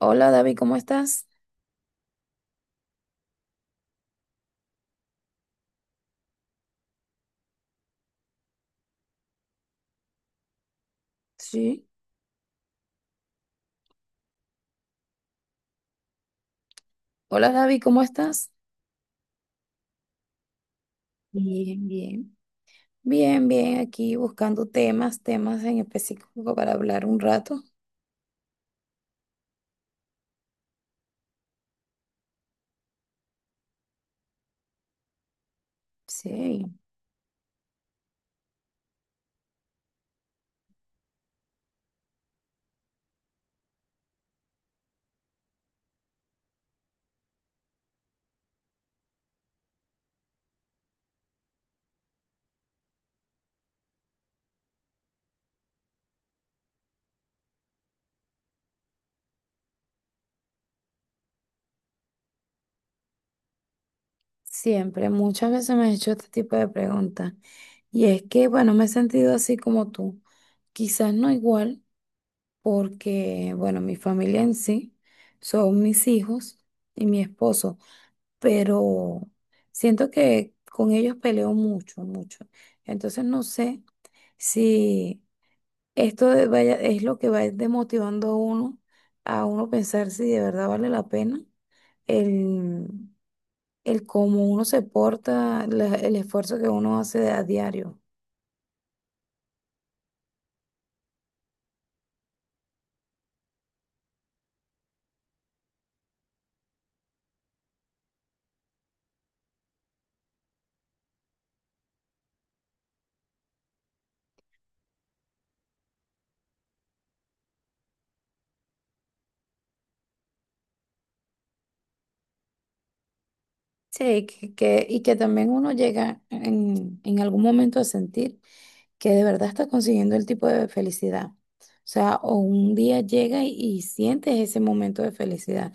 Hola David, ¿cómo estás? Sí. Hola David, ¿cómo estás? Bien, bien. Bien, bien, aquí buscando temas, temas en específico para hablar un rato. Sí, siempre, muchas veces me he hecho este tipo de preguntas. Y es que, bueno, me he sentido así como tú. Quizás no igual, porque, bueno, mi familia en sí son mis hijos y mi esposo, pero siento que con ellos peleo mucho, mucho. Entonces no sé. Sí, vaya, es lo que va desmotivando a uno pensar si de verdad vale la pena el, el cómo uno se porta, el esfuerzo que uno hace a diario. Sí, y que también uno llega en algún momento a sentir que de verdad estás consiguiendo el tipo de felicidad. O sea, o un día llega y sientes ese momento de felicidad,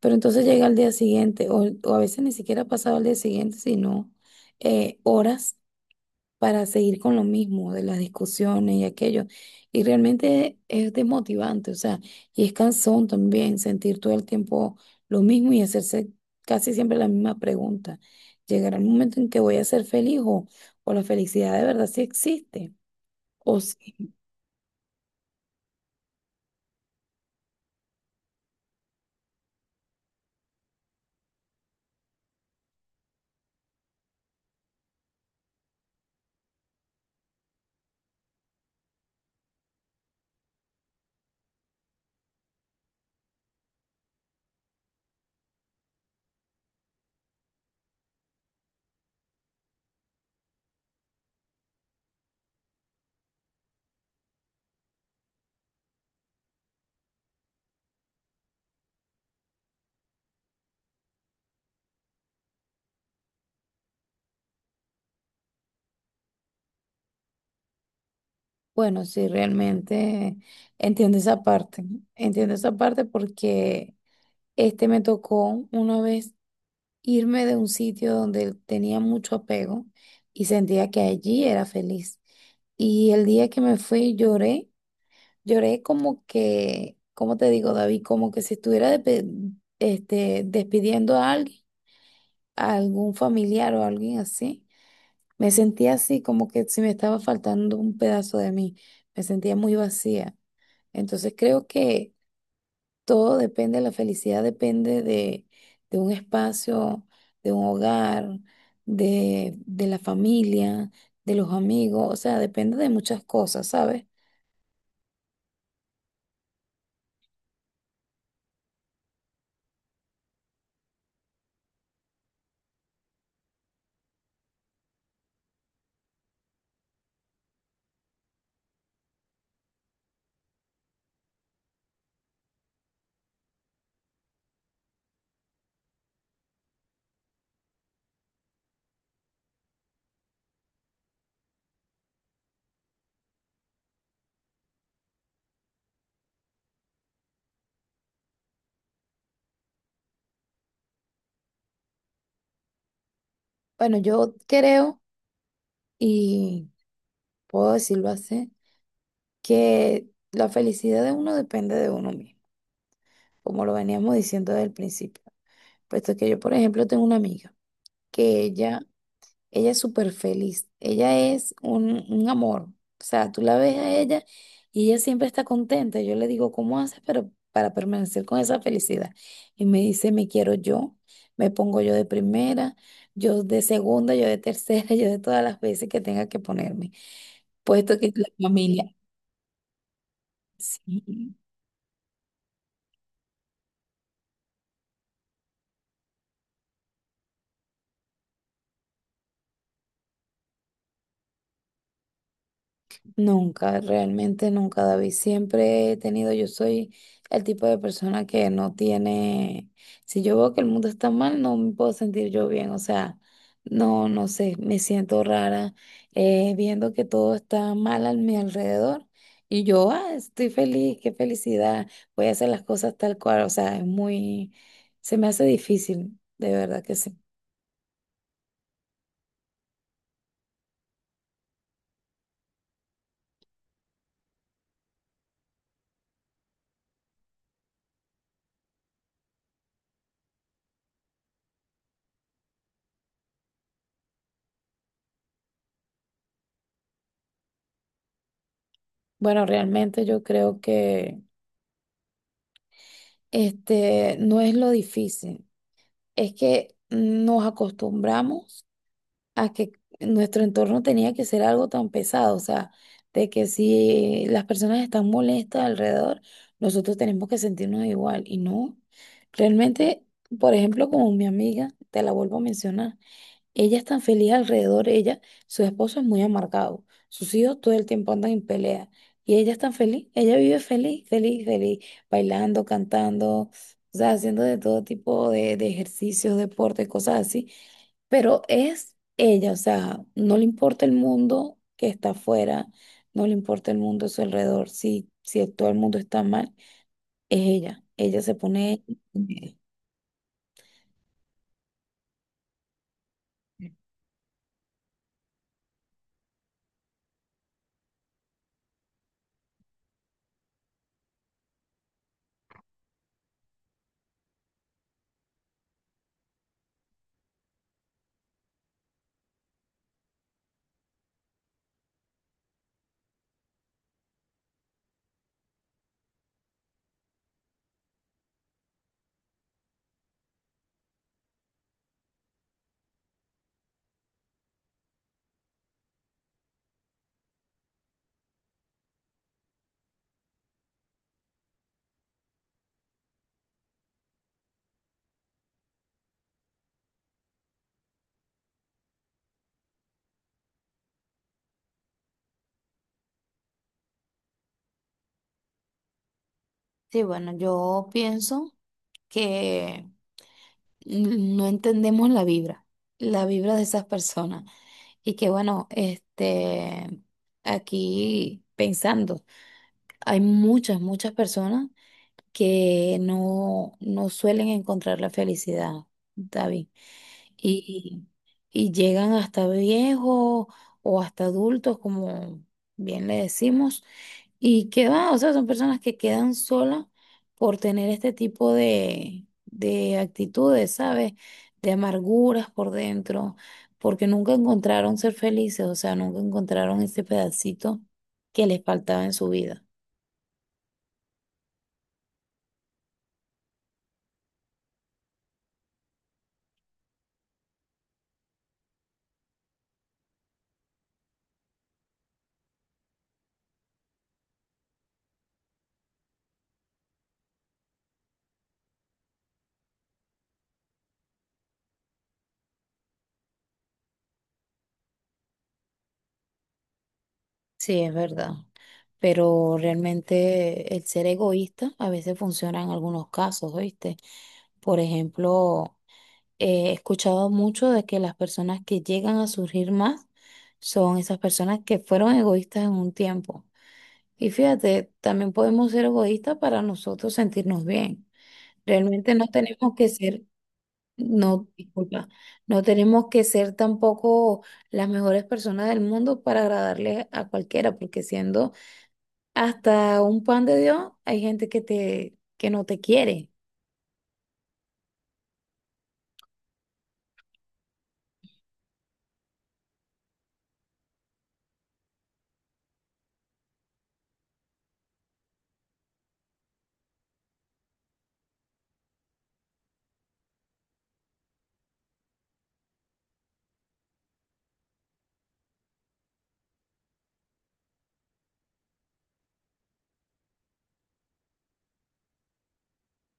pero entonces llega al día siguiente, o a veces ni siquiera ha pasado al día siguiente, sino horas para seguir con lo mismo, de las discusiones y aquello. Y realmente es desmotivante, o sea, y es cansón también sentir todo el tiempo lo mismo y hacerse casi siempre la misma pregunta. ¿Llegará el momento en que voy a ser feliz, o la felicidad de verdad sí existe? O sí, bueno, sí, realmente entiendo esa parte, entiendo esa parte porque me tocó una vez irme de un sitio donde tenía mucho apego y sentía que allí era feliz. Y el día que me fui lloré, lloré como que, ¿cómo te digo, David? Como que si estuviera despidiendo a alguien, a algún familiar o alguien así. Me sentía así, como que si me estaba faltando un pedazo de mí. Me sentía muy vacía. Entonces creo que todo depende, la felicidad depende de un espacio, de un hogar, de la familia, de los amigos. O sea, depende de muchas cosas, ¿sabes? Bueno, yo creo, y puedo decirlo así, que la felicidad de uno depende de uno mismo, como lo veníamos diciendo desde el principio. Puesto que yo, por ejemplo, tengo una amiga que ella. Ella es súper feliz. Ella es un amor. O sea, tú la ves a ella y ella siempre está contenta. Yo le digo, ¿cómo haces pero para permanecer con esa felicidad? Y me dice, me quiero yo. Me pongo yo de primera, yo de segunda, yo de tercera, yo de todas las veces que tenga que ponerme. Puesto que la familia, sí, nunca, realmente nunca, David. Siempre he tenido, yo soy el tipo de persona que no tiene, si yo veo que el mundo está mal, no me puedo sentir yo bien, o sea, no, no sé, me siento rara, viendo que todo está mal a mi alrededor y yo, ah, estoy feliz, qué felicidad, voy a hacer las cosas tal cual, o sea, es muy, se me hace difícil, de verdad que sí. Bueno, realmente yo creo que no es lo difícil. Es que nos acostumbramos a que nuestro entorno tenía que ser algo tan pesado, o sea, de que si las personas están molestas alrededor, nosotros tenemos que sentirnos igual. Y no, realmente, por ejemplo, como mi amiga, te la vuelvo a mencionar. Ella es tan feliz alrededor de ella, su esposo es muy amargado, sus hijos todo el tiempo andan en pelea y ella es tan feliz, ella vive feliz, feliz, feliz, bailando, cantando, o sea, haciendo de todo tipo de ejercicios, deporte, cosas así, pero es ella, o sea, no le importa el mundo que está afuera, no le importa el mundo a su alrededor, si, si todo el mundo está mal, es ella, ella se pone... Sí, bueno, yo pienso que no entendemos la vibra de esas personas. Y que bueno, aquí pensando, hay muchas, muchas personas que no suelen encontrar la felicidad, David. Y, y llegan hasta viejos o hasta adultos, como bien le decimos, y que va, o sea, son personas que quedan solas por tener este tipo de actitudes, ¿sabes? De amarguras por dentro, porque nunca encontraron ser felices, o sea, nunca encontraron ese pedacito que les faltaba en su vida. Sí, es verdad, pero realmente el ser egoísta a veces funciona en algunos casos, ¿oíste? Por ejemplo, he escuchado mucho de que las personas que llegan a surgir más son esas personas que fueron egoístas en un tiempo. Y fíjate, también podemos ser egoístas para nosotros sentirnos bien. Realmente no tenemos que ser, no, disculpa, no tenemos que ser tampoco las mejores personas del mundo para agradarle a cualquiera, porque siendo hasta un pan de Dios hay gente que te que no te quiere.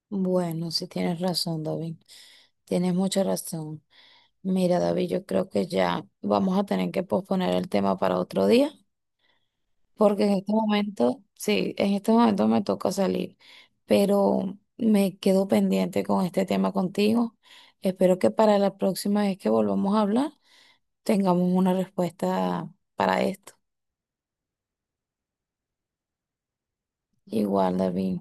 Bueno, sí tienes razón, David. Tienes mucha razón. Mira, David, yo creo que ya vamos a tener que posponer el tema para otro día, porque en este momento, sí, en este momento me toca salir, pero me quedo pendiente con este tema contigo. Espero que para la próxima vez que volvamos a hablar tengamos una respuesta para esto. Igual, David.